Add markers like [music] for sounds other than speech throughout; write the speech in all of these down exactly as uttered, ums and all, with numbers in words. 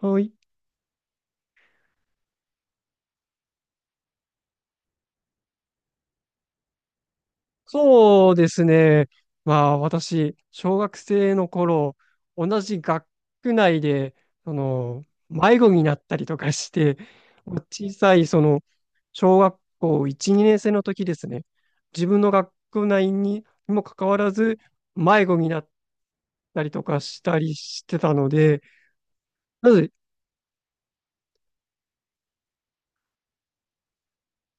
はい。そうですね。まあ私、小学生の頃、同じ学区内で、その、迷子になったりとかして、小さい、その、小学校いち、にねん生の時ですね。自分の学区内ににもかかわらず、迷子になったりとかしたりしてたので、まず、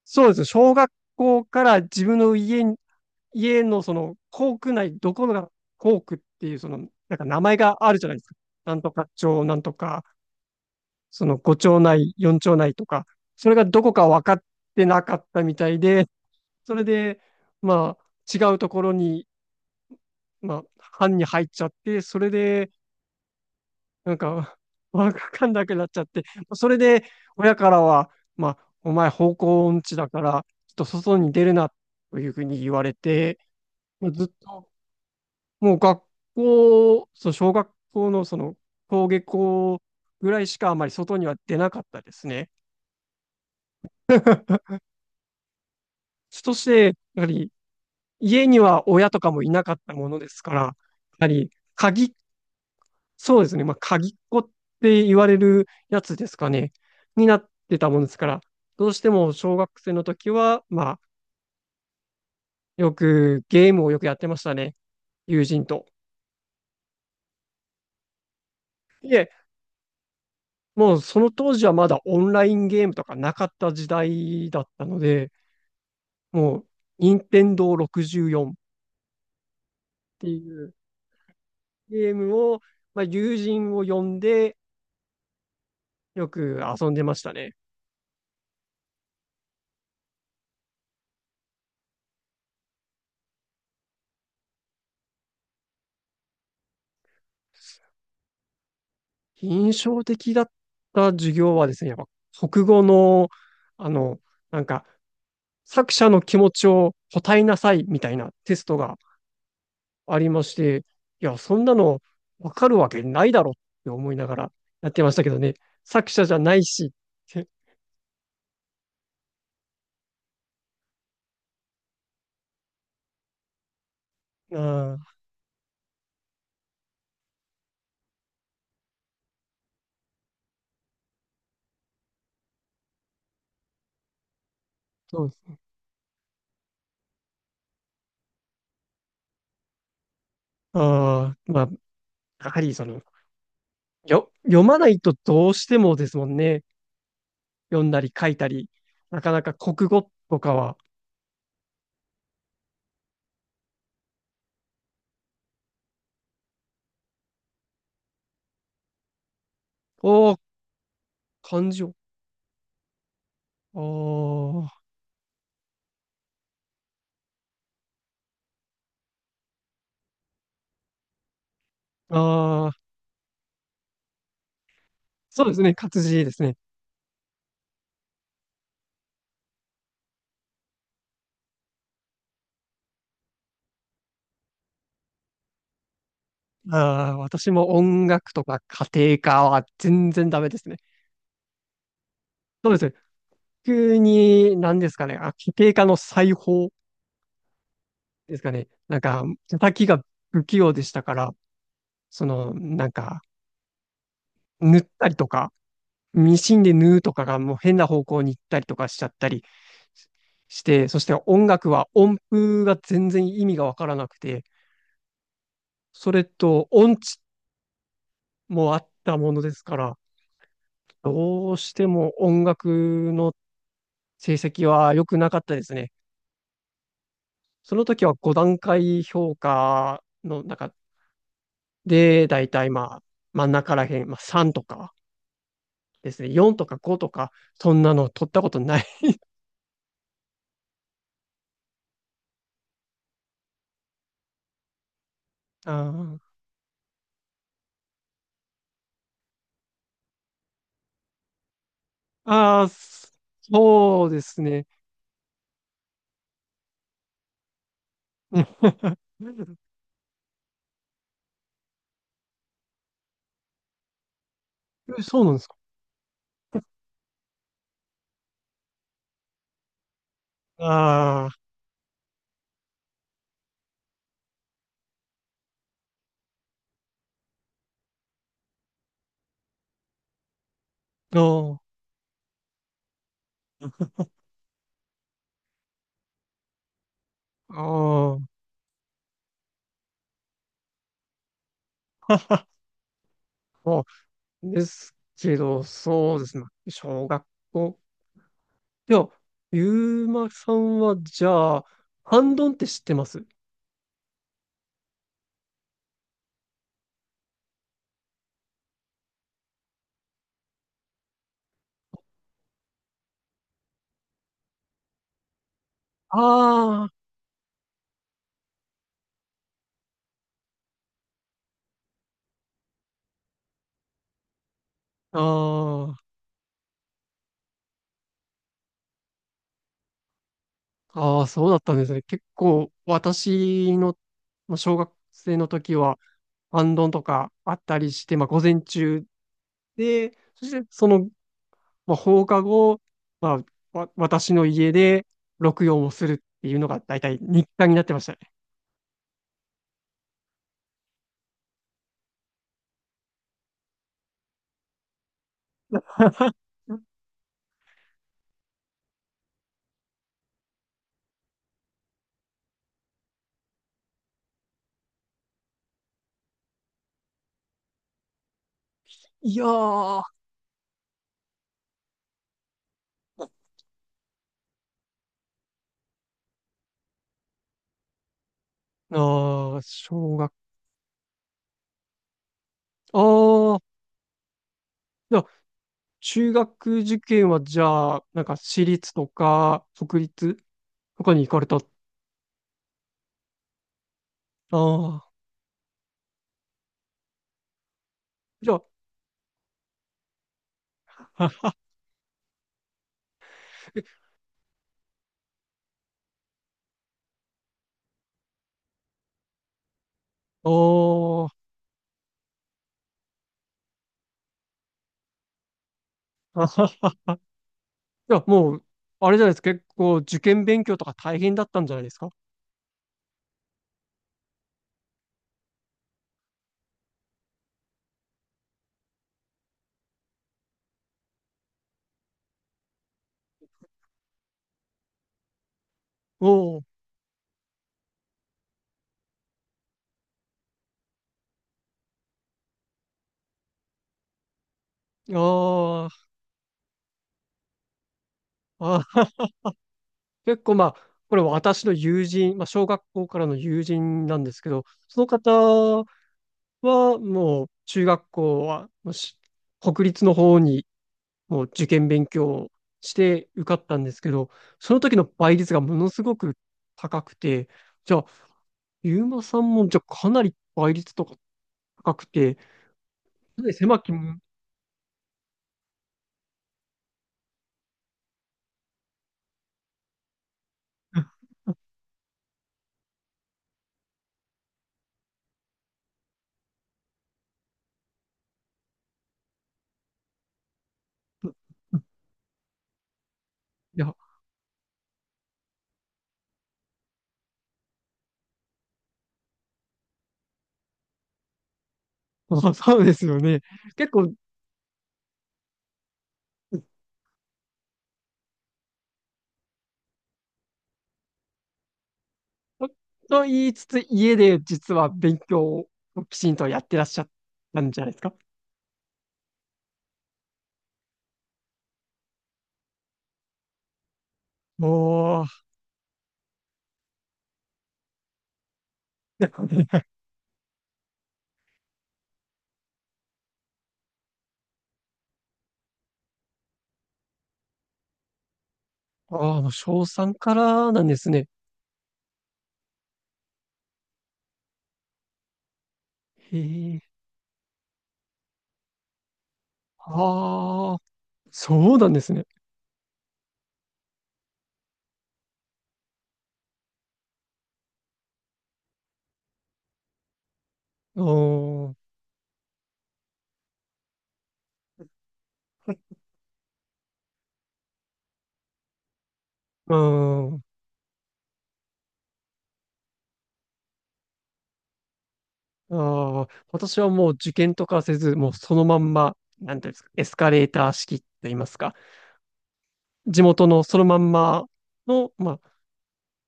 そうです。小学校から自分の家家のその校区内、どこが校区っていう、その、なんか名前があるじゃないですか。なんとか町、なんとか、そのご町内、よん町内とか、それがどこか分かってなかったみたいで、それで、まあ、違うところに、まあ、班に入っちゃって、それで、なんか、わかんなくなっちゃって、それで、親からは、まあ、お前方向音痴だから、ちょっと外に出るな、というふうに言われて、ずっともう学校、その小学校のその、登下校ぐらいしかあまり外には出なかったですね。そして、やはり、家には親とかもいなかったものですから、やはり、鍵、そうですね、まあ、鍵っ子って言われるやつですかね、になってたものですから、どうしても小学生の時は、まあ、よく、ゲームをよくやってましたね、友人と。いえ、もうその当時はまだオンラインゲームとかなかった時代だったので、もう、任天堂ろくよんっていうゲームを、まあ、友人を呼んで、よく遊んでましたね。印象的だった授業はですね、やっぱ、国語の、あの、なんか、作者の気持ちを答えなさいみたいなテストがありまして、いや、そんなのわかるわけないだろって思いながらやってましたけどね、作者じゃないしって、ああ、そうです。ああ、まあ、やはりその、よ、読まないとどうしてもですもんね。読んだり書いたり。なかなか国語とかは。おー、漢字を。あー、あー、そうですね。活字ですね。あー、私も音楽とか家庭科は全然ダメですね。そうですね。急に、何ですかね。あ、家庭科の裁縫ですかね。なんか、叩きが不器用でしたから、その、なんか、塗ったりとか、ミシンで縫うとかがもう変な方向に行ったりとかしちゃったりして、そして音楽は音符が全然意味がわからなくて、それと音痴もあったものですから、どうしても音楽の成績は良くなかったですね。その時はご段階評価の中で、だいたいまあ真ん中らへん、まあさんとかですね、よんとかごとか、そんなの取ったことない。[laughs] あー、あー、そうですね。うん [laughs]。え、そうなんですか。ああ、ああ、ああ、[laughs] そうですけど、そうですね。小学校。いや、ゆうまさんは、じゃあ、ハンドンって知ってます？ああ、ああ、ああ、そうだったんですね。結構、私の、まあ小学生の時は、アンドンとかあったりして、まあ、午前中で、そして、そのまあ、放課後、まあ、わ、私の家で録音をするっていうのが大体日課になってましたね。うん、いやー、ああ、小学、ああ、じゃあ中学受験はじゃあ、なんか私立とか、国立とかに行かれた。ああ、じゃあ、あ、え、ああ、あは [laughs] じゃあもう、あれじゃないですか、結構受験勉強とか大変だったんじゃないですか？おお、ああ、あ、結構まあ、これ私の友人、まあ、小学校からの友人なんですけど、その方はもう中学校はもうし国立の方にもう受験勉強をして受かったんですけど、その時の倍率がものすごく高くて、じゃあ、ゆうまさんもじゃあかなり倍率とか高くて、かなり狭き門、[laughs] いや、まあそうですよね。結構と言いつつ、家で実は勉強をきちんとやってらっしゃったんじゃないですか？おー。[laughs] ああ、もう小さんからなんですね。へえ。ああ、そうなんですね。うーん。うーん。ああ、私はもう受験とかせず、もうそのまんま、なんていうんですか、エスカレーター式と言いますか、地元のそのまんまの、まあ、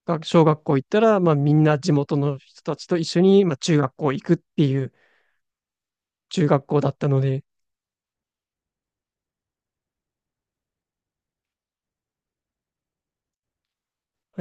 学小学校行ったら、まあ、みんな地元の人たちと一緒に、まあ、中学校行くっていう中学校だったので。